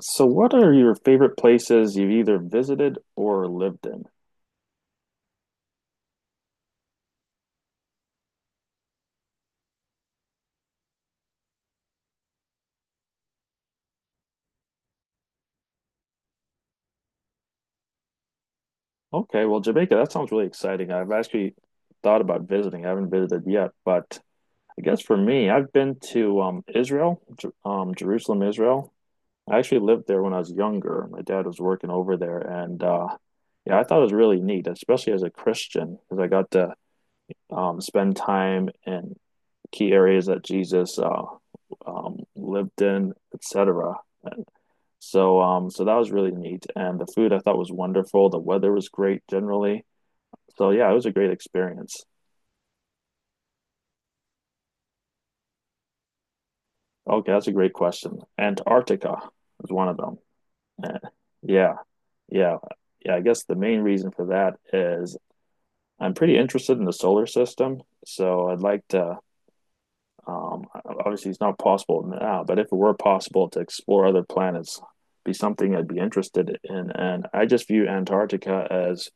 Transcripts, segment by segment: So, what are your favorite places you've either visited or lived in? Okay, well, Jamaica, that sounds really exciting. I've actually thought about visiting. I haven't visited yet, but I guess for me, I've been to Israel, Jerusalem, Israel. I actually lived there when I was younger. My dad was working over there, and yeah, I thought it was really neat, especially as a Christian, because I got to spend time in key areas that Jesus lived in, etc. So that was really neat, and the food I thought was wonderful. The weather was great generally. So, yeah, it was a great experience. Okay, that's a great question. Antarctica is one of them. Eh, Yeah, yeah, yeah. I guess the main reason for that is I'm pretty interested in the solar system, so I'd like to. Um, Obviously, it's not possible now, but if it were possible to explore other planets, be something I'd be interested in. And I just view Antarctica as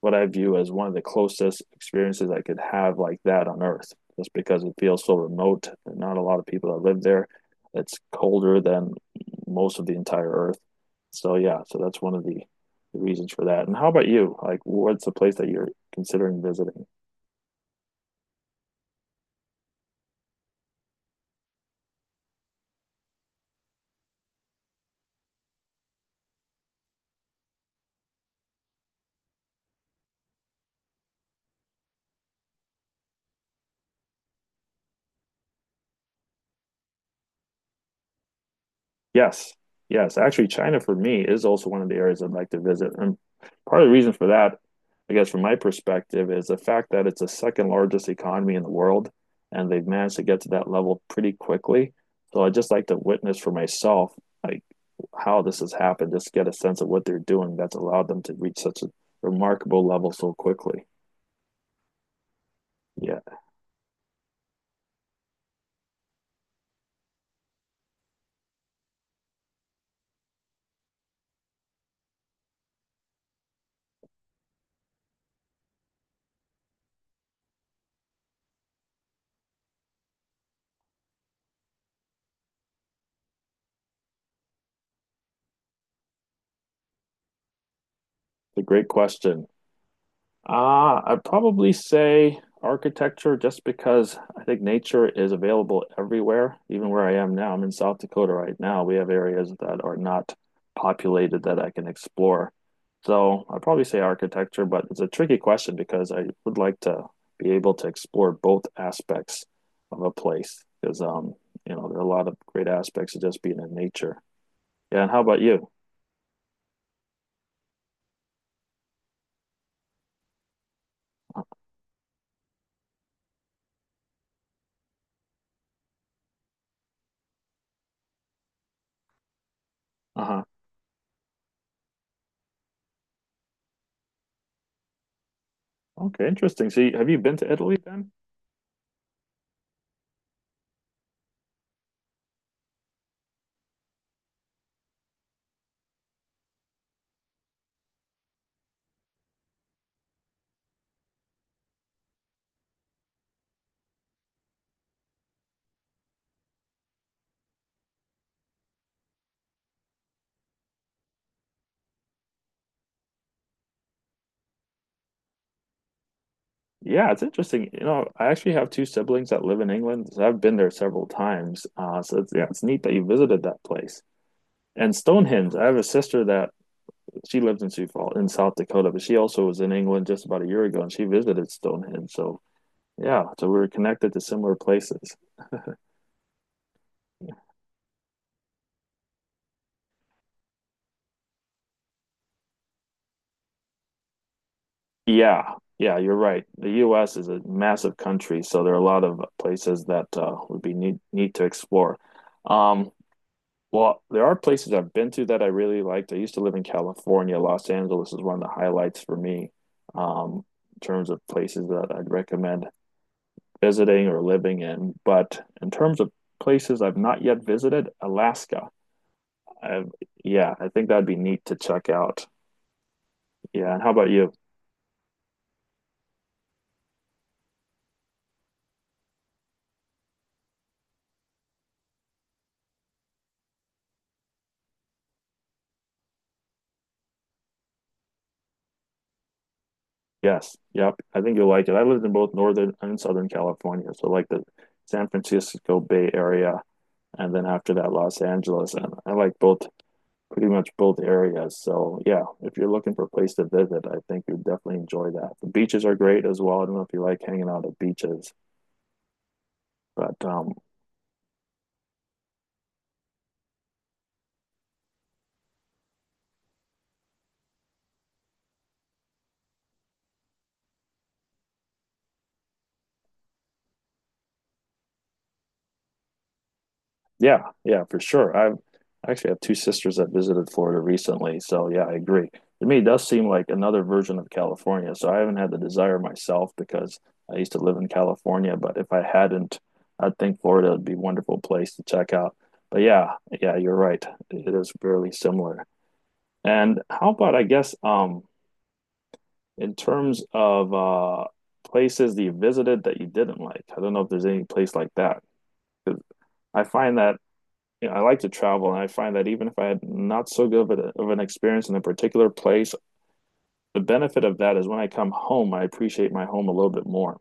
what I view as one of the closest experiences I could have like that on Earth, just because it feels so remote, and not a lot of people that live there. It's colder than most of the entire Earth. So yeah, so that's one of the reasons for that. And how about you? Like, what's the place that you're considering visiting? Yes, yes. Actually, China for me is also one of the areas I'd like to visit. And part of the reason for that, I guess from my perspective, is the fact that it's the second largest economy in the world, and they've managed to get to that level pretty quickly. So I'd just like to witness for myself like how this has happened, just get a sense of what they're doing that's allowed them to reach such a remarkable level so quickly. Yeah, it's a great question. I'd probably say architecture just because I think nature is available everywhere, even where I am now. I'm in South Dakota right now. We have areas that are not populated that I can explore. So I'd probably say architecture, but it's a tricky question because I would like to be able to explore both aspects of a place because there are a lot of great aspects of just being in nature. Yeah, and how about you? Uh-huh. Okay, interesting. So you, have you been to Italy then? Yeah, it's interesting. You know, I actually have two siblings that live in England, so I've been there several times. So it's, yeah, it's neat that you visited that place. And Stonehenge, I have a sister that she lives in Sioux Falls in South Dakota, but she also was in England just about a year ago, and she visited Stonehenge. So yeah, so we were connected to similar places. Yeah, yeah, you're right. The U.S. is a massive country, so there are a lot of places that would be neat, neat to explore. Um, Well, there are places I've been to that I really liked. I used to live in California. Los Angeles is one of the highlights for me, um, in terms of places that I'd recommend visiting or living in. But in terms of places I've not yet visited, Alaska. I Yeah, I think that'd be neat to check out. Yeah, and how about you? Yes, yep. I think you'll like it. I lived in both Northern and Southern California, so like the San Francisco Bay Area, and then after that, Los Angeles. And I like both pretty much both areas. So yeah, if you're looking for a place to visit, I think you'd definitely enjoy that. The beaches are great as well. I don't know if you like hanging out at beaches, but yeah, yeah, for sure. I actually have two sisters that visited Florida recently, so yeah, I agree. To me, it does seem like another version of California. So I haven't had the desire myself because I used to live in California, but if I hadn't, I'd think Florida would be a wonderful place to check out. But yeah, yeah, you're right. It is fairly similar. And how about, I guess, In terms of Places that you visited that you didn't like, I don't know if there's any place like that. 'Cause I find that you know, I like to travel, and I find that even if I had not so good of, of an experience in a particular place, the benefit of that is when I come home, I appreciate my home a little bit more.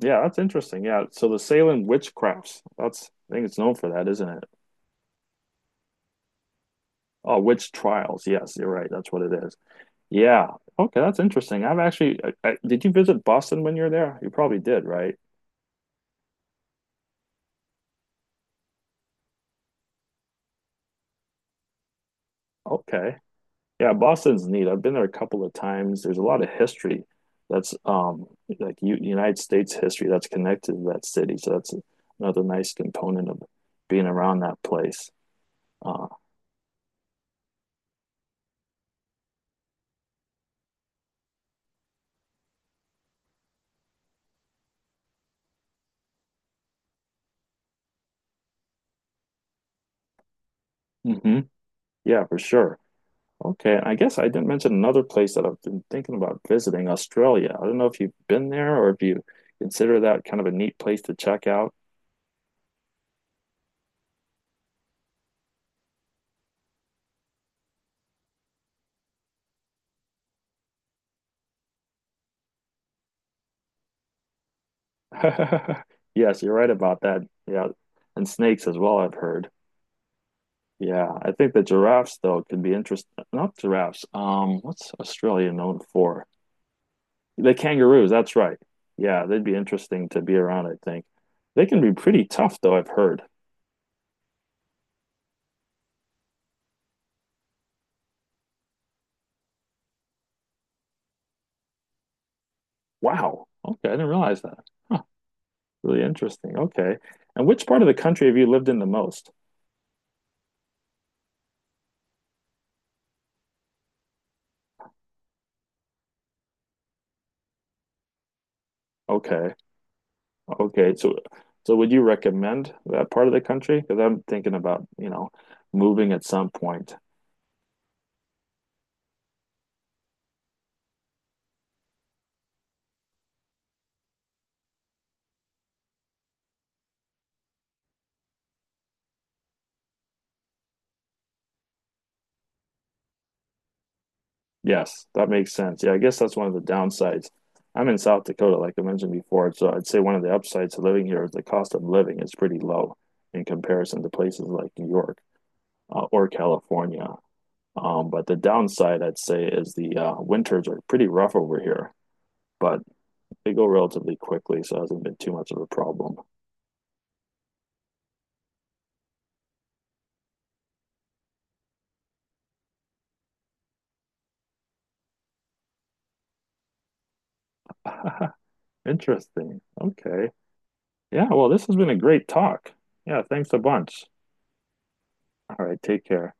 Yeah, that's interesting. Yeah, so the Salem witchcrafts, that's I think it's known for that, isn't it? Oh, witch trials. Yes, you're right. That's what it is. Yeah. Okay, that's interesting. I've actually, I, Did you visit Boston when you were there? You probably did, right? Okay. Yeah, Boston's neat. I've been there a couple of times. There's a lot of history that's like U United States history that's connected to that city. So that's another nice component of being around that place. Uh, hmm Yeah, for sure. Okay, and I guess I didn't mention another place that I've been thinking about visiting, Australia. I don't know if you've been there or if you consider that kind of a neat place to check out. Yes, you're right about that. Yeah, and snakes as well, I've heard. Yeah, I think the giraffes though could be interesting. Not giraffes. What's Australia known for? The kangaroos, that's right. Yeah, they'd be interesting to be around, I think. They can be pretty tough though, I've heard. Wow. Okay, I didn't realize that. Huh, Really interesting. Okay. And which part of the country have you lived in the most? Okay. Okay. So so would you recommend that part of the country? Because I'm thinking about, you know, moving at some point. Yes, that makes sense. Yeah, I guess that's one of the downsides. I'm in South Dakota, like I mentioned before, so I'd say one of the upsides to living here is the cost of living is pretty low in comparison to places like New York or California. But the downside, I'd say, is the winters are pretty rough over here. But they go relatively quickly, so it hasn't been too much of a problem. Interesting. Okay. Yeah, well, this has been a great talk. Yeah, thanks a bunch. All right, take care.